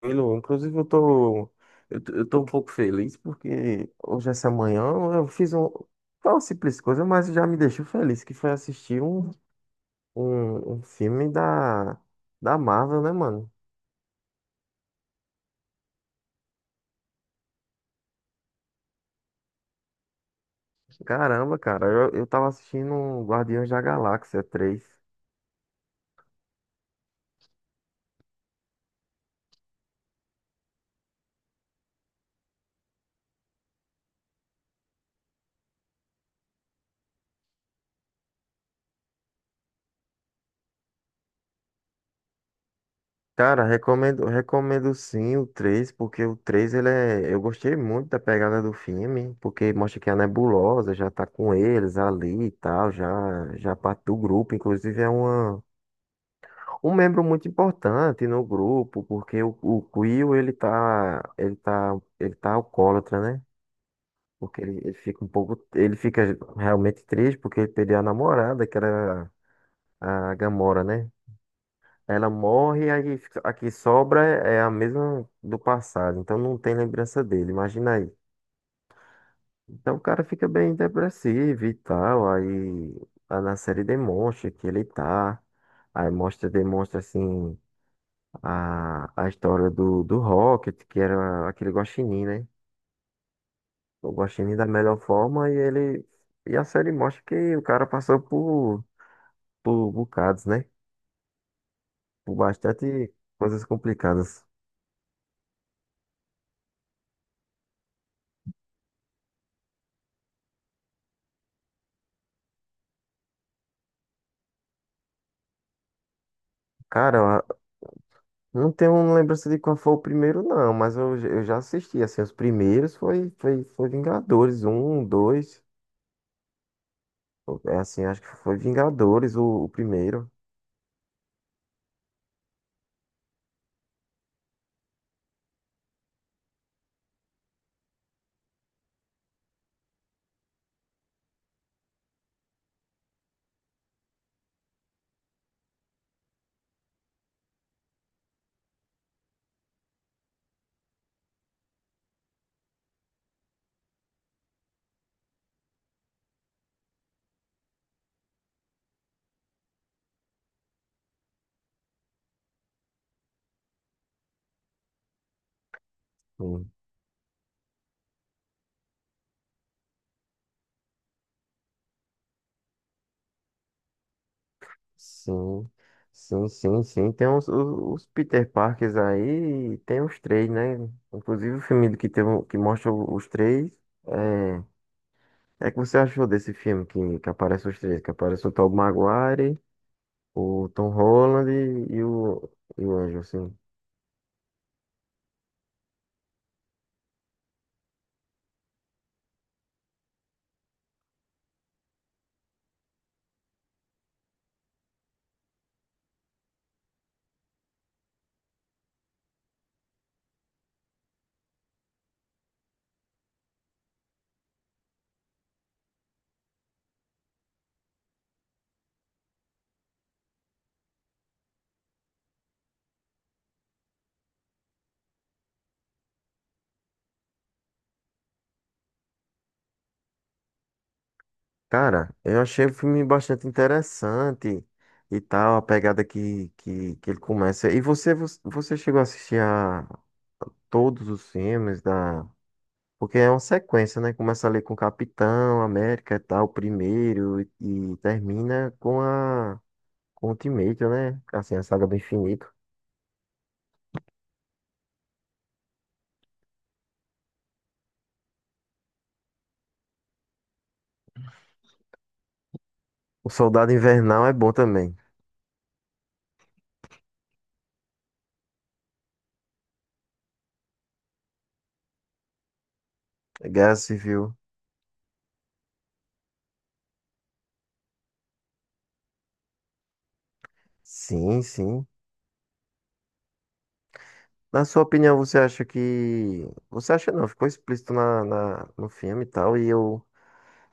Tranquilo. Inclusive, eu tô um pouco feliz porque hoje, essa manhã, eu fiz um, foi uma simples coisa, mas já me deixou feliz, que foi assistir um filme da Marvel, né, mano? Caramba, cara, eu tava assistindo um Guardiões da Galáxia três. Cara, recomendo, recomendo sim o 3 porque o 3 ele é, eu gostei muito da pegada do filme, porque mostra que a Nebulosa já tá com eles ali e tal, já, já parte do grupo, inclusive é uma um membro muito importante no grupo, porque o Quill, ele tá alcoólatra, né? Porque ele fica realmente triste porque ele perdeu a namorada, que era a Gamora, né? Ela morre, a que sobra é a mesma do passado, então não tem lembrança dele, imagina aí. Então o cara fica bem depressivo e tal, aí na série demonstra que ele tá, aí mostra, demonstra assim a história do Rocket, que era aquele guaxinim, né? O guaxinim da melhor forma e ele. E a série mostra que o cara passou por bocados, né? Por bastante coisas complicadas. Cara, eu não tenho lembrança de qual foi o primeiro, não, mas eu já assisti, assim, os primeiros foi Vingadores, um, dois, é assim, acho que foi Vingadores o primeiro. Um. Sim, sim, sim, sim. Tem os Peter Parkers aí, e tem os três, né? Inclusive o filme do que, que mostra os três. É, é que você achou desse filme que aparece os três? Que aparece o Tobey Maguire, o Tom Holland e o Anjo, assim. Cara, eu achei o filme bastante interessante e tal, a pegada que ele começa. E você chegou a assistir a todos os filmes da. Porque é uma sequência, né? Começa ali com o Capitão América e tal, o primeiro, e termina com o Ultimate, né? Assim, a saga do infinito. O Soldado Invernal é bom também. É Guerra Civil. Sim, sim. Na sua opinião, você acha que. Você acha não, ficou explícito no filme e tal, e eu.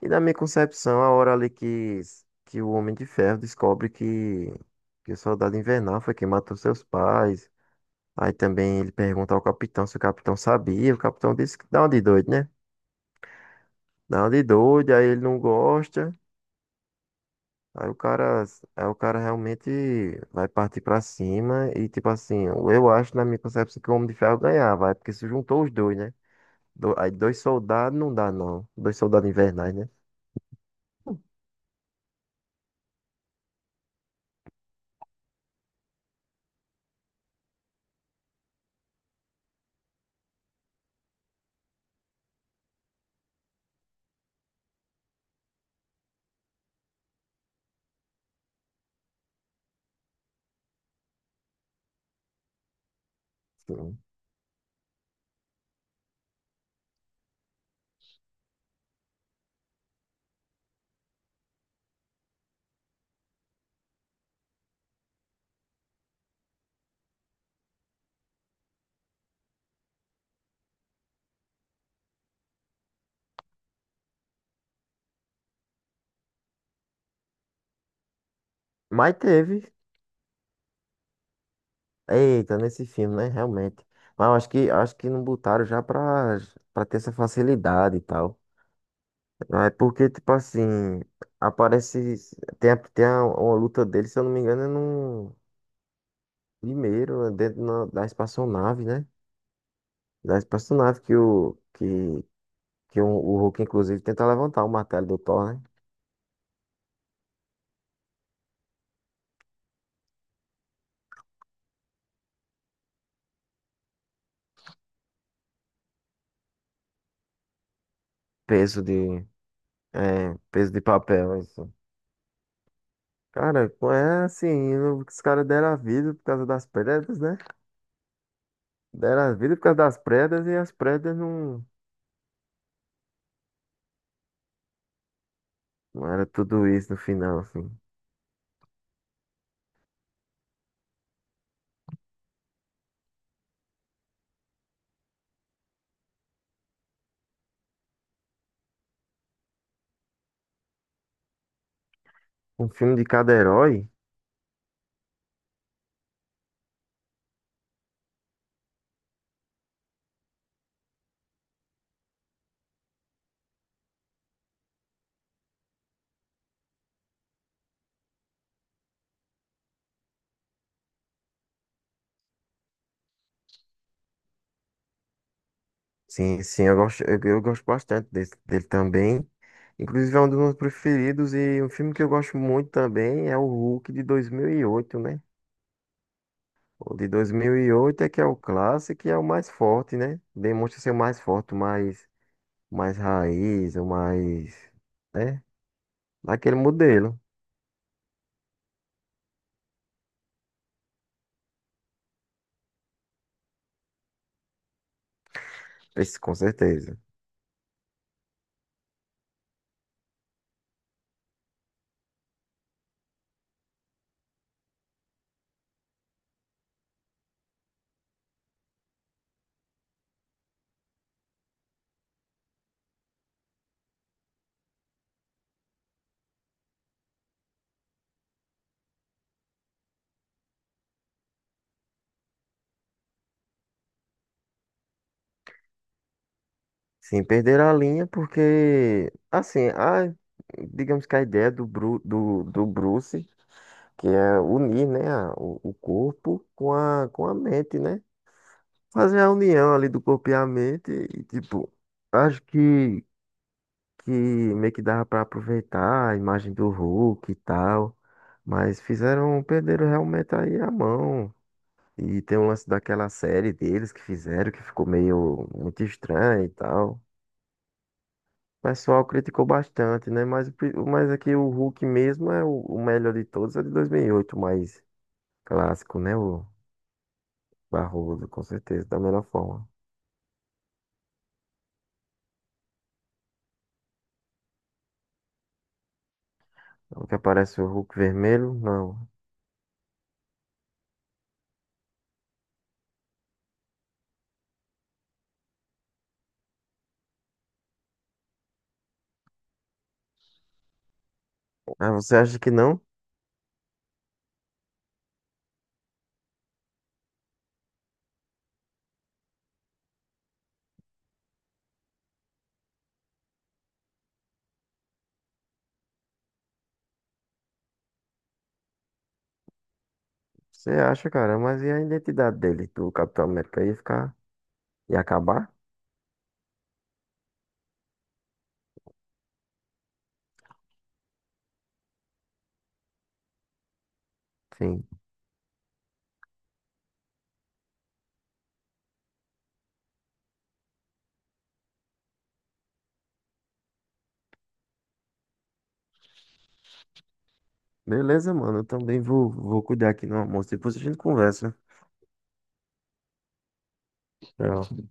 E na minha concepção, a hora ali que o Homem de Ferro descobre que o Soldado Invernal foi quem matou seus pais. Aí também ele pergunta ao capitão se o capitão sabia. O capitão disse que dá uma de doido, né? Dá uma de doido, aí ele não gosta. Aí o cara, Aí o cara realmente vai partir pra cima e tipo assim, eu acho na minha concepção que o Homem de Ferro ganhava, vai, porque se juntou os dois, né? Aí dois soldados não dá não, dois soldados invernais, né? Sim. Mas teve, eita, nesse filme, né? Realmente. Mas eu acho que não botaram já pra ter essa facilidade e tal. Ah, é porque, tipo assim, aparece. Uma luta dele, se eu não me engano, é no primeiro, é dentro da espaçonave, né? Da espaçonave que o Hulk, inclusive, tenta levantar o martelo do Thor, né? Peso de. É, peso de papel, isso. Cara, é assim, os caras deram a vida por causa das pedras, né? Deram a vida por causa das pedras e as pedras não era tudo isso no final, assim. Um filme de cada herói. Sim, sim, eu gosto, eu gosto bastante dele também. Inclusive é um dos meus preferidos e um filme que eu gosto muito também é o Hulk de 2008, né? O de 2008 é que é o clássico e é o mais forte, né? Demonstra ser o mais forte, o mais raiz, o mais, né? Daquele modelo, esse, com certeza. Sim, perderam a linha porque, assim, digamos que a ideia do Bruce que é unir, né, o corpo com a mente, né? Fazer a união ali do corpo e a mente e, tipo, acho que meio que dava pra aproveitar a imagem do Hulk e tal, mas fizeram, perderam realmente aí a mão. E tem um lance daquela série deles que fizeram, que ficou meio muito estranho e tal. O pessoal criticou bastante, né? Mas aqui o Hulk mesmo é o melhor de todos, é de 2008, o mais clássico, né? Barroso, com certeza, da melhor forma. É o que aparece o Hulk vermelho? Não. Ah, você acha que não? Você acha, cara, mas e a identidade dele, do Capitão América, ia acabar? Sim. Beleza, mano, eu também vou cuidar aqui no almoço, depois a gente conversa. Tchau.